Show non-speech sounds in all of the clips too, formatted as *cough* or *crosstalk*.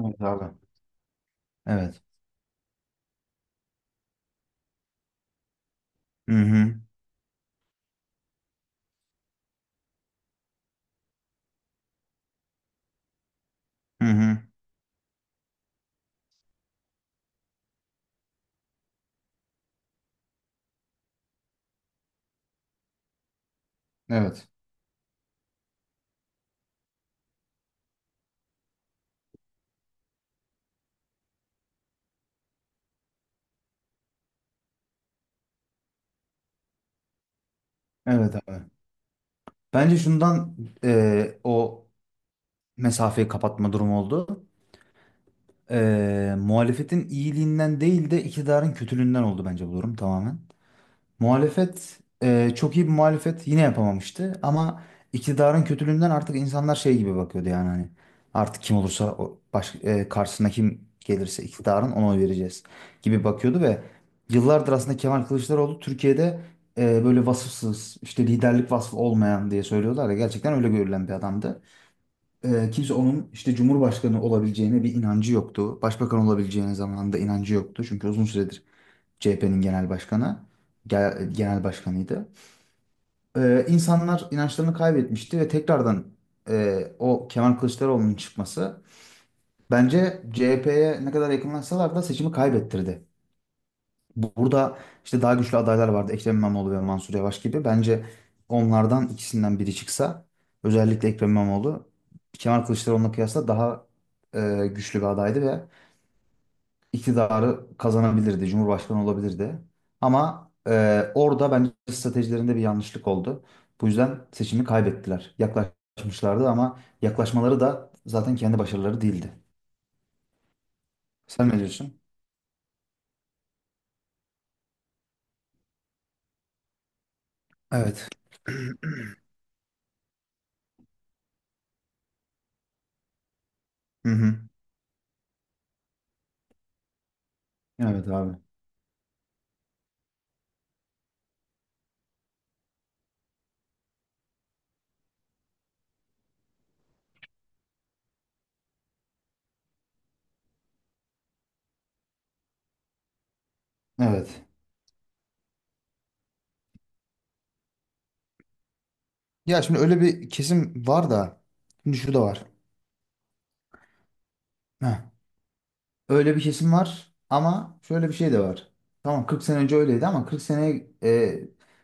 Evet abi. Evet. Hı hı. Hı hı. Evet. Evet abi. Bence şundan o mesafeyi kapatma durumu oldu. Muhalefetin iyiliğinden değil de iktidarın kötülüğünden oldu bence bu durum tamamen. Muhalefet çok iyi bir muhalefet yine yapamamıştı ama iktidarın kötülüğünden artık insanlar şey gibi bakıyordu yani hani artık kim olursa karşısına kim gelirse iktidarın ona oy vereceğiz gibi bakıyordu ve yıllardır aslında Kemal Kılıçdaroğlu Türkiye'de böyle vasıfsız işte liderlik vasfı olmayan diye söylüyorlar ya gerçekten öyle görülen bir adamdı. Kimse onun işte Cumhurbaşkanı olabileceğine bir inancı yoktu. Başbakan olabileceğine zamanında inancı yoktu çünkü uzun süredir CHP'nin genel başkanıydı. İnsanlar inançlarını kaybetmişti ve tekrardan o Kemal Kılıçdaroğlu'nun çıkması bence CHP'ye ne kadar yakınlaşsalar da seçimi kaybettirdi. Burada işte daha güçlü adaylar vardı. Ekrem İmamoğlu ve Mansur Yavaş gibi. Bence onlardan ikisinden biri çıksa özellikle Ekrem İmamoğlu Kemal Kılıçdaroğlu'na kıyasla daha güçlü bir adaydı ve iktidarı kazanabilirdi, cumhurbaşkanı olabilirdi. Ama orada bence stratejilerinde bir yanlışlık oldu. Bu yüzden seçimi kaybettiler. Yaklaşmışlardı ama yaklaşmaları da zaten kendi başarıları değildi. Sen ne diyorsun? Evet. *clears throat* Hı hı. Evet abi. Evet. Ya şimdi öyle bir kesim var da şimdi şu da var. Heh. Öyle bir kesim var ama şöyle bir şey de var. Tamam, 40 sene önce öyleydi ama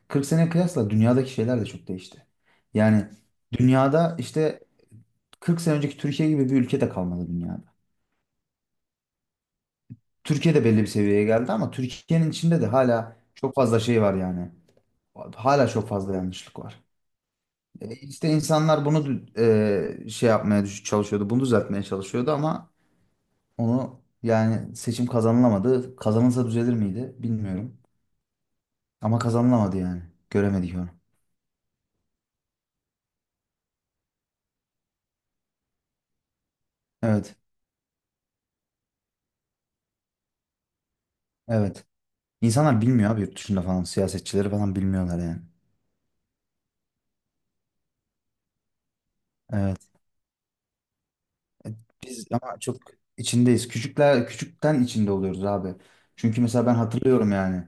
40 sene kıyasla dünyadaki şeyler de çok değişti. Yani dünyada işte 40 sene önceki Türkiye gibi bir ülke de kalmadı dünyada. Türkiye de belli bir seviyeye geldi ama Türkiye'nin içinde de hala çok fazla şey var yani. Hala çok fazla yanlışlık var. İşte insanlar bunu şey yapmaya çalışıyordu, bunu düzeltmeye çalışıyordu ama onu yani seçim kazanılamadı. Kazanılsa düzelir miydi bilmiyorum. Ama kazanılamadı yani. Göremedik onu. Evet. Evet. İnsanlar bilmiyor abi yurt dışında falan. Siyasetçileri falan bilmiyorlar yani. Evet. E, Biz ama çok içindeyiz. Küçükler küçükten içinde oluyoruz abi. Çünkü mesela ben hatırlıyorum yani.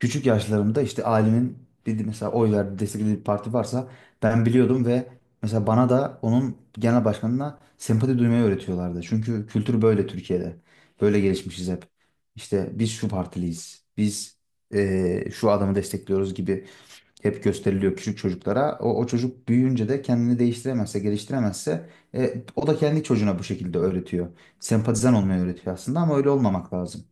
Küçük yaşlarımda işte ailemin bir mesela oy verdiği desteklediği bir parti varsa ben biliyordum ve mesela bana da onun genel başkanına sempati duymayı öğretiyorlardı. Çünkü kültür böyle Türkiye'de. Böyle gelişmişiz hep. İşte biz şu partiliyiz. Biz şu adamı destekliyoruz gibi hep gösteriliyor küçük çocuklara. O çocuk büyüyünce de kendini değiştiremezse, geliştiremezse o da kendi çocuğuna bu şekilde öğretiyor. Sempatizan olmayı öğretiyor aslında ama öyle olmamak lazım.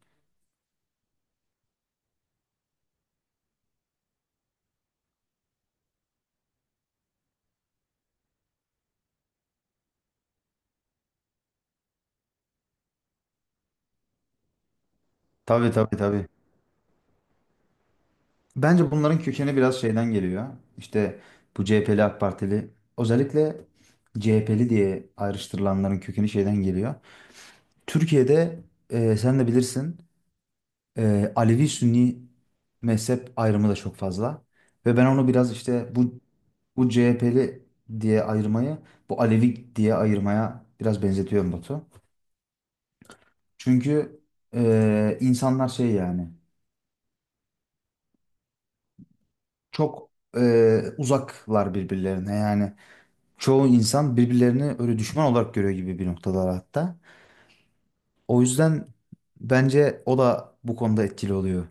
Tabii tabii tabii. Bence bunların kökeni biraz şeyden geliyor. İşte bu CHP'li AK Partili özellikle CHP'li diye ayrıştırılanların kökeni şeyden geliyor. Türkiye'de sen de bilirsin Alevi-Sünni mezhep ayrımı da çok fazla. Ve ben onu biraz işte bu CHP'li diye ayırmayı, bu Alevi diye ayırmaya biraz benzetiyorum, Batu. Çünkü insanlar şey yani çok uzaklar birbirlerine yani. Çoğu insan birbirlerini öyle düşman olarak görüyor gibi bir noktalar hatta. O yüzden bence o da bu konuda etkili oluyor.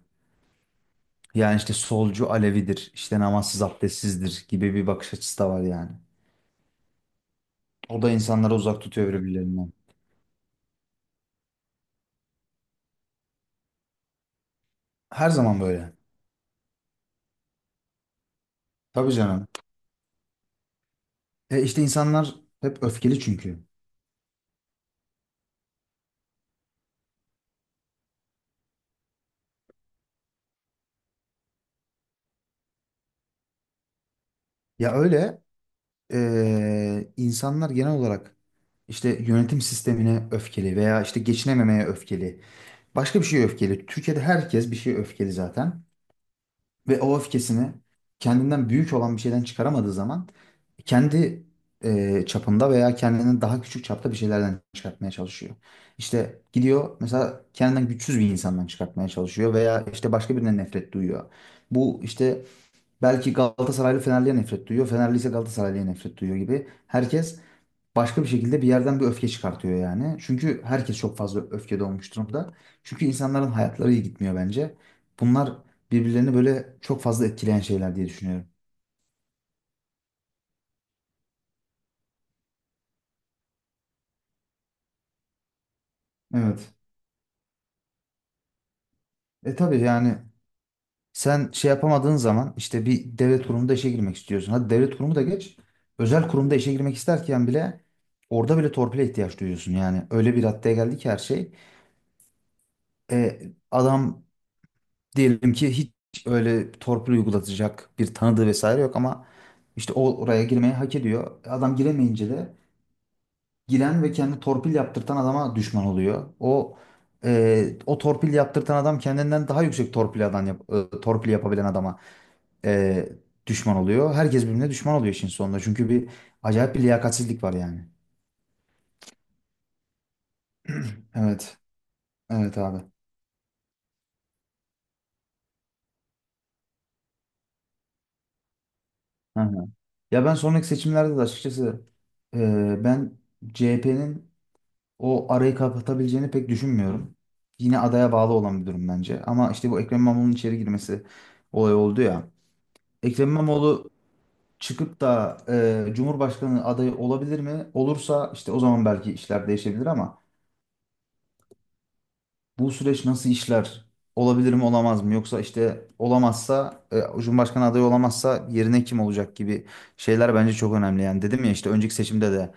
Yani işte solcu Alevidir, işte namazsız abdestsizdir gibi bir bakış açısı da var yani. O da insanları uzak tutuyor birbirlerinden. Her zaman böyle. Tabii canım. İşte insanlar hep öfkeli çünkü. Ya öyle insanlar genel olarak işte yönetim sistemine öfkeli veya işte geçinememeye öfkeli. Başka bir şeye öfkeli. Türkiye'de herkes bir şeye öfkeli zaten. Ve o öfkesini kendinden büyük olan bir şeyden çıkaramadığı zaman kendi çapında veya kendinden daha küçük çapta bir şeylerden çıkartmaya çalışıyor. İşte gidiyor mesela kendinden güçsüz bir insandan çıkartmaya çalışıyor veya işte başka birine nefret duyuyor. Bu işte belki Galatasaraylı Fenerli'ye nefret duyuyor, Fenerli ise Galatasaraylı'ya nefret duyuyor gibi. Herkes başka bir şekilde bir yerden bir öfke çıkartıyor yani. Çünkü herkes çok fazla öfkede olmuş durumda. Çünkü insanların hayatları iyi gitmiyor bence. Bunlar birbirlerini böyle çok fazla etkileyen şeyler diye düşünüyorum. Evet. Tabii yani sen şey yapamadığın zaman işte bir devlet kurumunda işe girmek istiyorsun. Hadi devlet kurumu da geç. Özel kurumda işe girmek isterken bile orada bile torpile ihtiyaç duyuyorsun. Yani öyle bir raddeye geldi ki her şey. E, adam Diyelim ki hiç öyle torpil uygulatacak bir tanıdığı vesaire yok ama işte o oraya girmeyi hak ediyor. Adam giremeyince de giren ve kendi torpil yaptırtan adama düşman oluyor. O torpil yaptırtan adam kendinden daha yüksek torpil yapabilen adama e, düşman oluyor. Herkes birbirine düşman oluyor işin sonunda. Çünkü bir acayip bir liyakatsizlik var yani. Evet. Evet abi. Hı hı. Ya ben sonraki seçimlerde de açıkçası ben CHP'nin o arayı kapatabileceğini pek düşünmüyorum. Yine adaya bağlı olan bir durum bence. Ama işte bu Ekrem İmamoğlu'nun içeri girmesi olay oldu ya. Ekrem İmamoğlu çıkıp da Cumhurbaşkanı adayı olabilir mi? Olursa işte o zaman belki işler değişebilir ama bu süreç nasıl işler? Olabilir mi olamaz mı? Yoksa işte olamazsa Cumhurbaşkanı adayı olamazsa yerine kim olacak gibi şeyler bence çok önemli. Yani dedim ya işte önceki seçimde de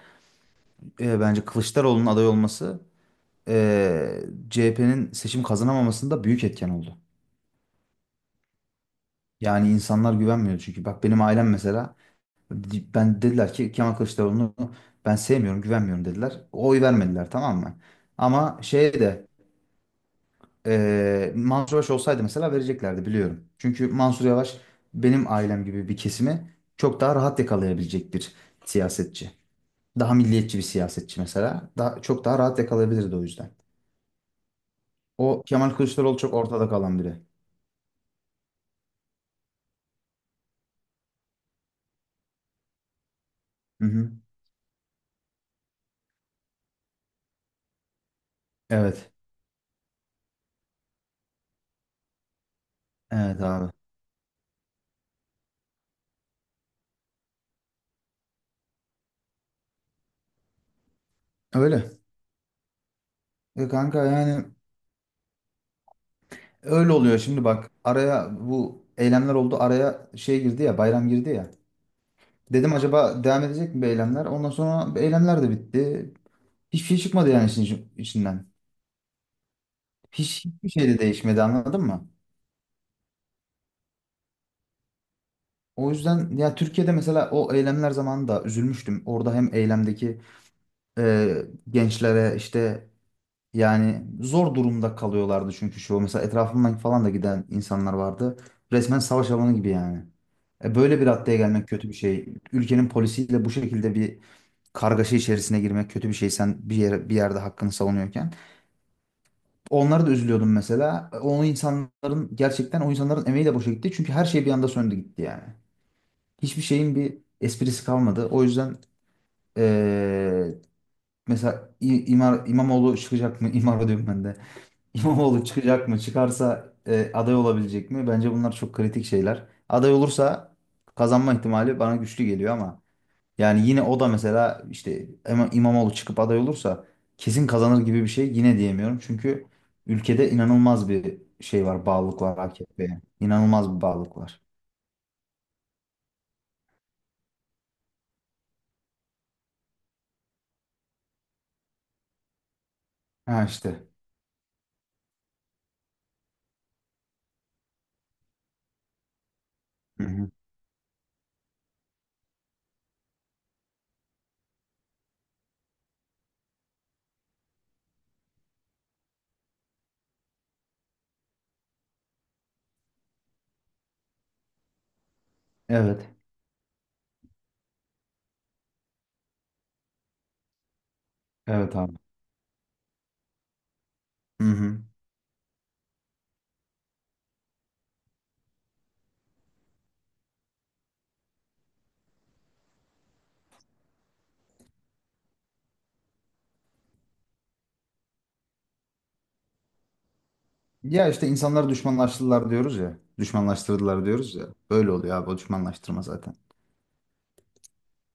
bence Kılıçdaroğlu'nun aday olması eee CHP'nin seçim kazanamamasında büyük etken oldu. Yani insanlar güvenmiyor çünkü. Bak benim ailem mesela ben dediler ki Kemal Kılıçdaroğlu'nu ben sevmiyorum, güvenmiyorum dediler. Oy vermediler, tamam mı? Ama şey de Mansur Yavaş olsaydı mesela vereceklerdi biliyorum. Çünkü Mansur Yavaş benim ailem gibi bir kesimi çok daha rahat yakalayabilecek bir siyasetçi. Daha milliyetçi bir siyasetçi mesela. Daha, çok daha rahat yakalayabilirdi o yüzden. O Kemal Kılıçdaroğlu çok ortada kalan biri. Hı hı. Evet. Evet abi. Öyle. Kanka yani öyle oluyor şimdi bak. Araya bu eylemler oldu. Araya şey girdi ya, bayram girdi ya. Dedim acaba devam edecek mi bu eylemler? Ondan sonra eylemler de bitti. Hiçbir şey çıkmadı yani işin içinden. Hiç, hiçbir şey de değişmedi, anladın mı? O yüzden ya Türkiye'de mesela o eylemler zamanında üzülmüştüm. Orada hem eylemdeki e, gençlere işte yani zor durumda kalıyorlardı çünkü şu mesela etrafımdan falan da giden insanlar vardı. Resmen savaş alanı gibi yani. Böyle bir raddeye gelmek kötü bir şey. Ülkenin polisiyle bu şekilde bir kargaşa içerisine girmek kötü bir şey. Sen bir yerde hakkını savunuyorken. Onlara da üzülüyordum mesela. O insanların gerçekten o insanların emeği de boşa gitti. Çünkü her şey bir anda söndü gitti yani. Hiçbir şeyin bir esprisi kalmadı. O yüzden e, mesela İmamoğlu çıkacak mı? *laughs* İmar diyorum ben de. İmamoğlu çıkacak mı? Çıkarsa aday olabilecek mi? Bence bunlar çok kritik şeyler. Aday olursa kazanma ihtimali bana güçlü geliyor ama yani yine o da mesela işte İmamoğlu çıkıp aday olursa kesin kazanır gibi bir şey yine diyemiyorum. Çünkü ülkede inanılmaz bir şey var, bağlılık var AKP'ye. İnanılmaz bir bağlılık var. Ha işte. Hı hı. Evet. Evet abi. Hı hı. Ya işte insanları düşmanlaştırdılar diyoruz ya. Düşmanlaştırdılar diyoruz ya. Böyle oluyor abi, o düşmanlaştırma zaten.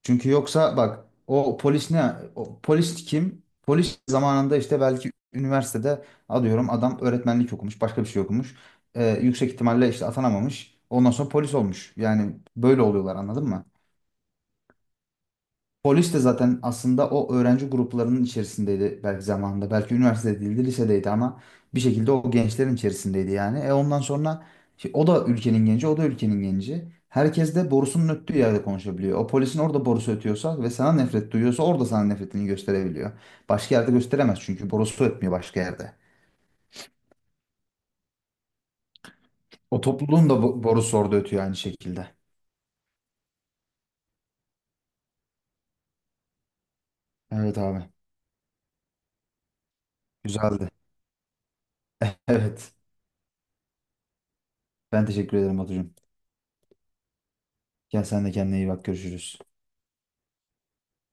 Çünkü yoksa bak, o polis ne? O polis kim? Polis zamanında işte belki üniversitede alıyorum, adam öğretmenlik okumuş, başka bir şey okumuş. Yüksek ihtimalle işte atanamamış. Ondan sonra polis olmuş. Yani böyle oluyorlar, anladın mı? Polis de zaten aslında o öğrenci gruplarının içerisindeydi belki zamanında. Belki üniversitede değildi, lisedeydi ama bir şekilde o gençlerin içerisindeydi yani. Ondan sonra o da ülkenin genci, o da ülkenin genci. Herkes de borusunun öttüğü yerde konuşabiliyor. O polisin orada borusu ötüyorsa ve sana nefret duyuyorsa orada sana nefretini gösterebiliyor. Başka yerde gösteremez çünkü borusu ötmüyor başka yerde. O topluluğun da borusu orada ötüyor aynı şekilde. Evet abi, güzeldi. Evet, ben teşekkür ederim, Batucuğum. Gel sen de kendine iyi bak, görüşürüz.